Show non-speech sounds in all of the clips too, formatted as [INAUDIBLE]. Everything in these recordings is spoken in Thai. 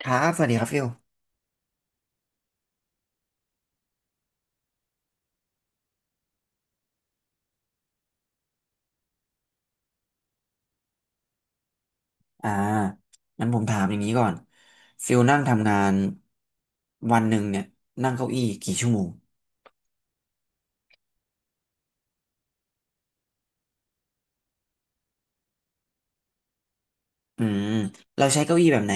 ครับสวัสดีครับฟิลอ่างั้นผมถามอย่างนี้ก่อนฟิลนั่งทำงานวันหนึ่งเนี่ยนั่งเก้าอี้กี่ชั่วโมงอืมเราใช้เก้าอี้แบบไหน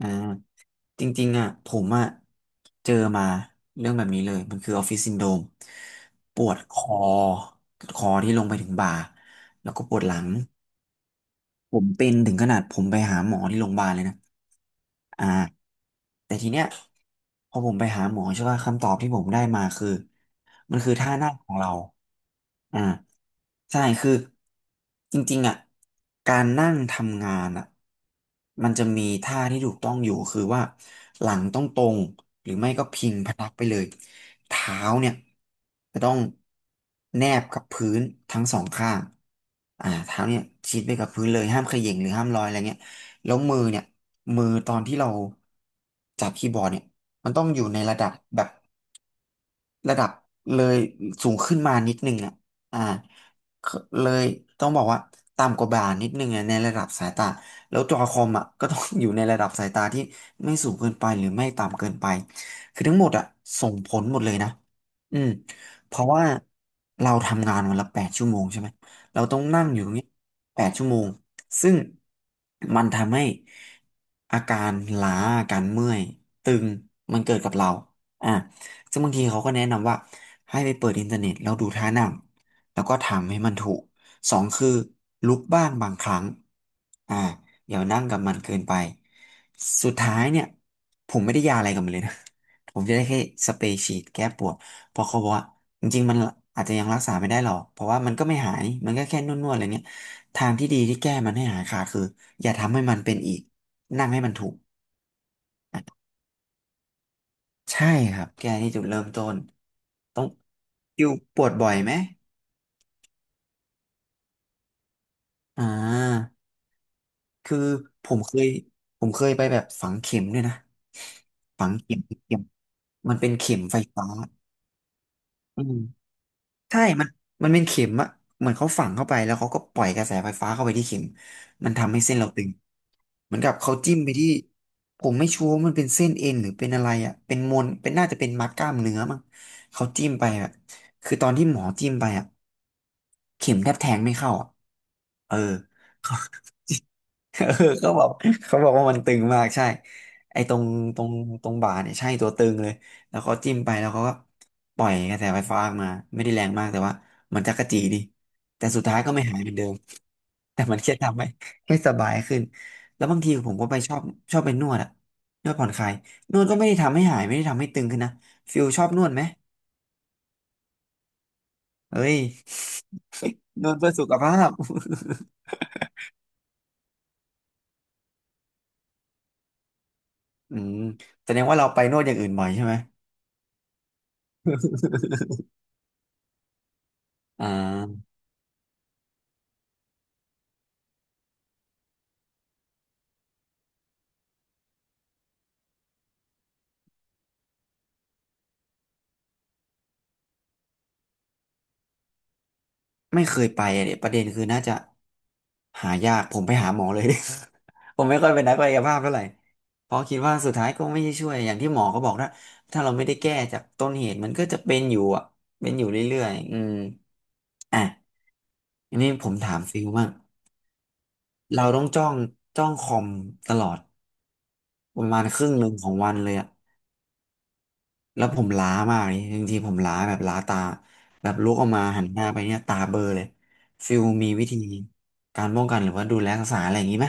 อ่าจริงๆอ่ะผมอ่ะเจอมาเรื่องแบบนี้เลยมันคือออฟฟิศซินโดรมปวดคอคอที่ลงไปถึงบ่าแล้วก็ปวดหลังผมเป็นถึงขนาดผมไปหาหมอที่โรงพยาบาลเลยนะอ่า แต่ทีเนี้ยพอผมไปหาหมอใช่ป่ะคำตอบที่ผมได้มาคือมันคือท่านั่งของเราอ่าใช่คือจริงๆอ่ะการนั่งทำงานอ่ะมันจะมีท่าที่ถูกต้องอยู่คือว่าหลังต้องตรงหรือไม่ก็พิงพนักไปเลยเท้าเนี่ยจะต้องแนบกับพื้นทั้งสองข้างเท้าเนี่ยชิดไปกับพื้นเลยห้ามเขย่งหรือห้ามลอยอะไรเงี้ย แล้วมือเนี่ยมือตอนที่เราจับคีย์บอร์ดเนี่ยมันต้องอยู่ในระดับแบบ ระดับเลยสูงขึ้นมานิดนึงอ่ะอ่าคือเลยต้องบอกว่าต่ำกว่าบ่านิดนึงอะในระดับสายตาแล้วจอคอมอ่ะก็ต้องอยู่ในระดับสายตาที่ไม่สูงเกินไปหรือไม่ต่ำเกินไปคือทั้งหมดอ่ะส่งผลหมดเลยนะอืมเพราะว่าเราทำงานวันละแปดชั่วโมงใช่ไหมเราต้องนั่งอยู่อย่างเงี้ยแปดชั่วโมงซึ่งมันทำให้อาการล้าอาการเมื่อยตึงมันเกิดกับเราอ่ะ ซึ่งบางทีเขาก็แนะนำว่าให้ไปเปิดอินเทอร์เน็ตแล้วดูท่านั่งแล้วก็ทำให้มันถูกสองคือลุกบ้างบางครั้งอ่าอย่านั่งกับมันเกินไปสุดท้ายเนี่ยผมไม่ได้ยาอะไรกับมันเลยนะ [LAUGHS] ผมจะได้แค่สเปรย์ฉีดแก้ปวดเพราะเขาบอกว่าจริงๆมันอาจจะยังรักษาไม่ได้หรอกเพราะว่ามันก็ไม่หายมันก็แค่นวดๆอะไรเนี่ยทางที่ดีที่แก้มันให้หายขาดคืออย่าทำให้มันเป็นอีกนั่งให้มันถูก ใช่ครับแก้ที่จุดเริ่มต้นต้องคิวปวดบ่อยไหมอ่าคือผมเคยไปแบบฝังเข็มด้วยนะฝังเข็มเข็มมันเป็นเข็มไฟฟ้าอืม ใช่มันเป็นเข็มอะเหมือนเขาฝังเข้าไปแล้วเขาก็ปล่อยกระแสไฟฟ้าเข้าไปที่เข็มมันทำให้เส้นเราตึงเหมือนกับเขาจิ้มไปที่ผมไม่ชัวร์ว่ามันเป็นเส้นเอ็นหรือเป็นอะไรอะเป็นมนเป็นน่าจะเป็นมัดกล้ามเนื้อมั้งเขาจิ้มไปอะคือตอนที่หมอจิ้มไปอะเข็มแทบแทงไม่เข้าอะเออ [LAUGHS] เออเขาบอกว่ามันตึงมากใช่ไอ้ตรงตรงตรงบ่าเนี่ยใช่ตัวตึงเลยแล้วเขาจิ้มไปแล้วเขาก็ปล่อยกระแสไฟฟ้าออกมาไม่ได้แรงมากแต่ว่ามันจักระจีดีแต่สุดท้ายก็ไม่หายเหมือนเดิมแต่มันแค่ทำให้ให้สบายขึ้นแล้วบางทีผมก็ไปชอบไปนวดอะนวดผ่อนคลายนวดก็ไม่ได้ทำให้หายไม่ได้ทำให้ตึงขึ้นนะฟิลชอบนวดไหมเฮ้ย [LAUGHS] นวดเพื่อสุขภาพ [LAUGHS] อืมแสดงว่าเราไปนวดอย่างอื่นบ่อยใช่ไหม [LAUGHS] อ่า ไม่เคยไปอ่ะเนี่ยประเด็นคือน่าจะหายากผมไปหาหมอเลย [LAUGHS] ผมไม่ค่อยเป็นนักกายภาพเท่าไหร่เพราะคิดว่าสุดท้ายก็ไม่ได้ช่วยอย่างที่หมอเขาบอกนะถ้าเราไม่ได้แก้จากต้นเหตุมันก็จะเป็นอยู่อ่ะเป็นอยู่เรื่อยๆอืมอ่ะอันนี้ผมถามฟิลบ้างเราต้องจ้องคอมตลอดประมาณครึ่งหนึ่งของวันเลยอ่ะ แล้วผมล้ามากนี่จริงๆผมล้าแบบล้าตาแบบลุกออกมาหันหน้าไปเนี่ยตาเบลอเลยฟิลมีวิธีการป้องกันหรือว่าดูแลรักษาอะไรอย่างนี้ไหม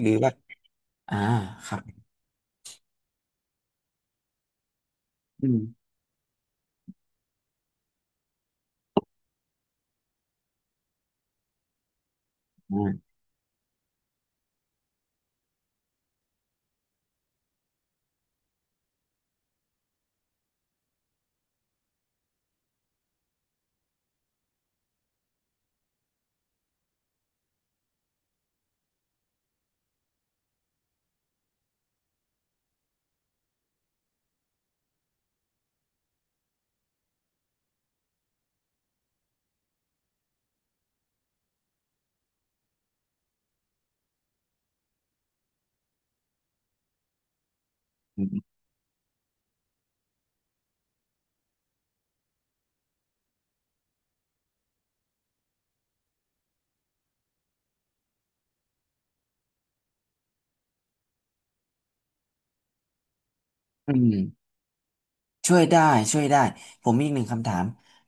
หรือว่าอ่าครับอืมอืมอืมอืมช่วยได้ช่วยได้ผมมีอีกหนึ่งคำถาม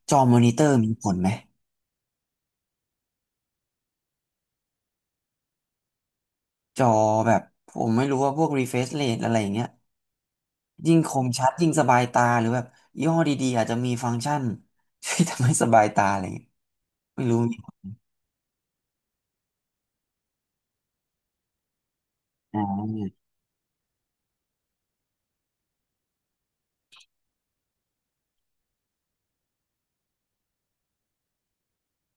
จอมอนิเตอร์มีผลไหมจอแบบผมไม่รู้ว่าพวก refresh rate อะไรอย่างเงี้ยยิ่งคมชัดยิ่งสบายตาหรือแบบยี่ห้อดีๆอาจจะมีฟังก์ชัน [LAUGHS] ช่วยทำให้สบายตาอะไรอย่างเงี้ยไม่รู้มีผลอ่า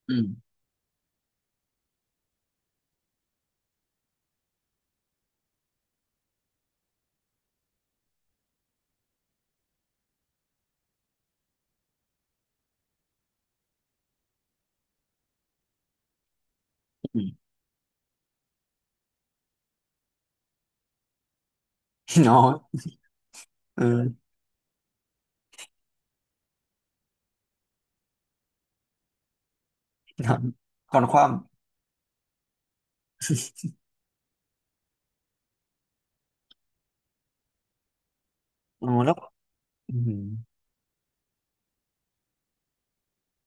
อืม [LAUGHS] น้อย เออถามก่อนความอ๋อแล้วอืม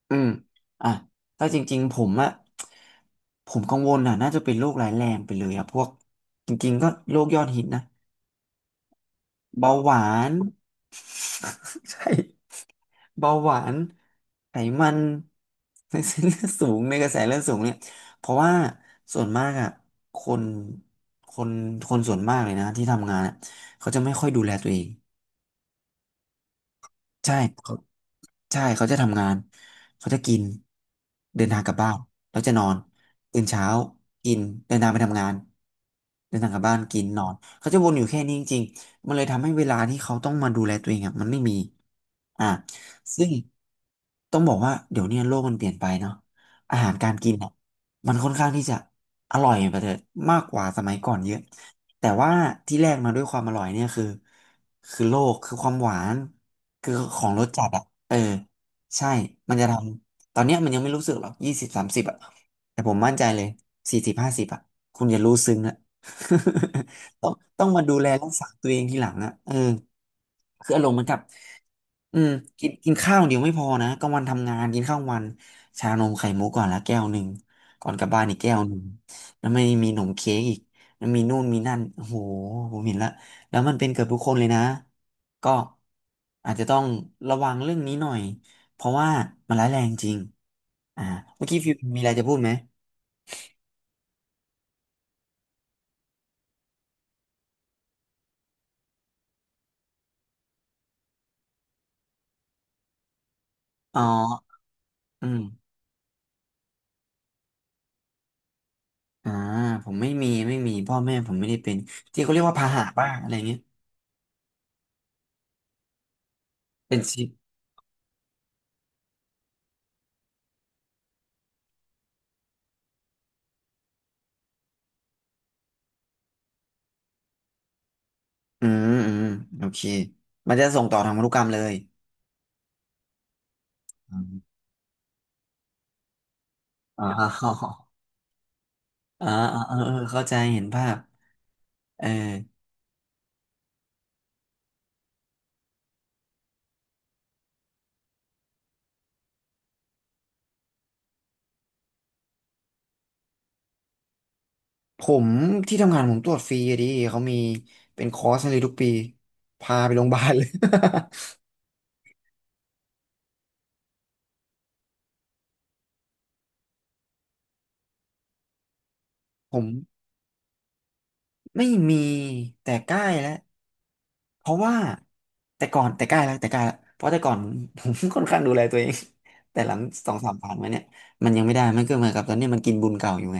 อืม อ่ะถ้าจริงๆผมอะผมกังวลอะน่าจะเป็นโรคร้ายแรงไปเลยอะพวก จริงๆก็โรคยอดฮิตนะ เบาหวาน [LAUGHS] ใช่ เบาหวานไขมันในเส้นเลือดสูงในกระแสเลือดสูงเนี่ย เพราะว่าส่วนมากอะคนคน คนส่วนมากเลยนะที่ทำงานอะเขาจะไม่ค่อยดูแลตัวเอง ใช่ ใช่เขาจะทำงานเขาจะกินเดินทางกลับบ้านแล้วจะนอนตื่นเช้ากินเดินทางไปทำงานเดินทางกลับบ้านกินนอนเขาจะวนอยู่แค่นี้จริงๆมันเลยทำให้เวลาที่เขาต้องมาดูแลตัวเองอ่ะมันไม่มีอ่ะซึ่งต้องบอกว่าเดี๋ยวเนี้โลกมันเปลี่ยนไปเนาะอาหารการกินอ่ะมันค่อนข้างที่จะอร่อยไปเถอะมากกว่าสมัยก่อนเยอะ แต่ว่าที่แรกมาด้วยความอร่อยเนี่ยคือโลกคือความหวานคือของรสจัดอ่ะเออใช่มันจะทำตอนเนี้ยมันยังไม่รู้สึกหรอก20 30อ่ะแต่ผมมั่นใจเลย40 50อ่ะคุณจะรู้ซึ้งอ่ะ [LAUGHS] ต้องมาดูแลรักษาตัวเองทีหลังอ่ะเออคืออารมณ์เหมือนกับอืมกินกินข้าวเดี๋ยวไม่พอนะกลางวันทำงานกินข้าววันชานมไข่มุกก่อนละแก้วหนึ่งก่อนกลับบ้านอีกแก้วหนึ่งแล้วไม่มีหนมเค้กอีก มีนู่นมีนั่นโอ้โหผมเห็นละแล้วมันเป็นเกือบทุกคนเลยนะก็อาจจะต้องระวังเรื่องนี้หน่อยเพราะว่ามันร้ายแรงจริงอ่าเมื่อกี้ฟิวมีอะไรจะพูดไหมอ๋ออืมอ่าผมไม่มีพ่อแม่ผมไม่ได้เป็นที่เขาเรียกว่าพาหะบ้างอะไรเงี้ยเป็นชิปอืมโอเคมันจะส่งต่อทางพันธุกรรมเลยอมอ๋อ [LAUGHS] อ๋อเออเข้าใจเห็นภาพเออ ผมที่ทำงานผมตรวจฟรีอะดิเขามีเป็นคอร์สให้เลยทุกปีพาไปโรงพยาบาลเลย [LAUGHS] ผมไม่มีแต่ใกล้แล้วเพราะว่าแต่ก่อนแต่ใกล้แล้วเพราะแต่ก่อน [LAUGHS] ผมค่อนข้างดูแลตัวเองแต่หลังสองสามผ่านมาเนี่ยมันยังไม่ได้มันก็เหมือนกับตอนนี้มันกินบุญเก่าอยู่ไง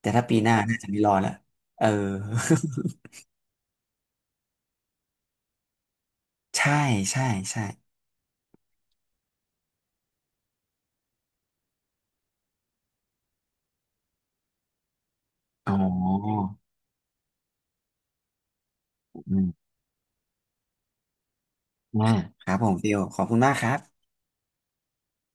แต่ถ้าปีหน้าน่าจะไม่รอดละเออ [LAUGHS] ใช่ใช่ใช่อ๋ออืมอ่าครับผมฟิลขอบคุณมากครับ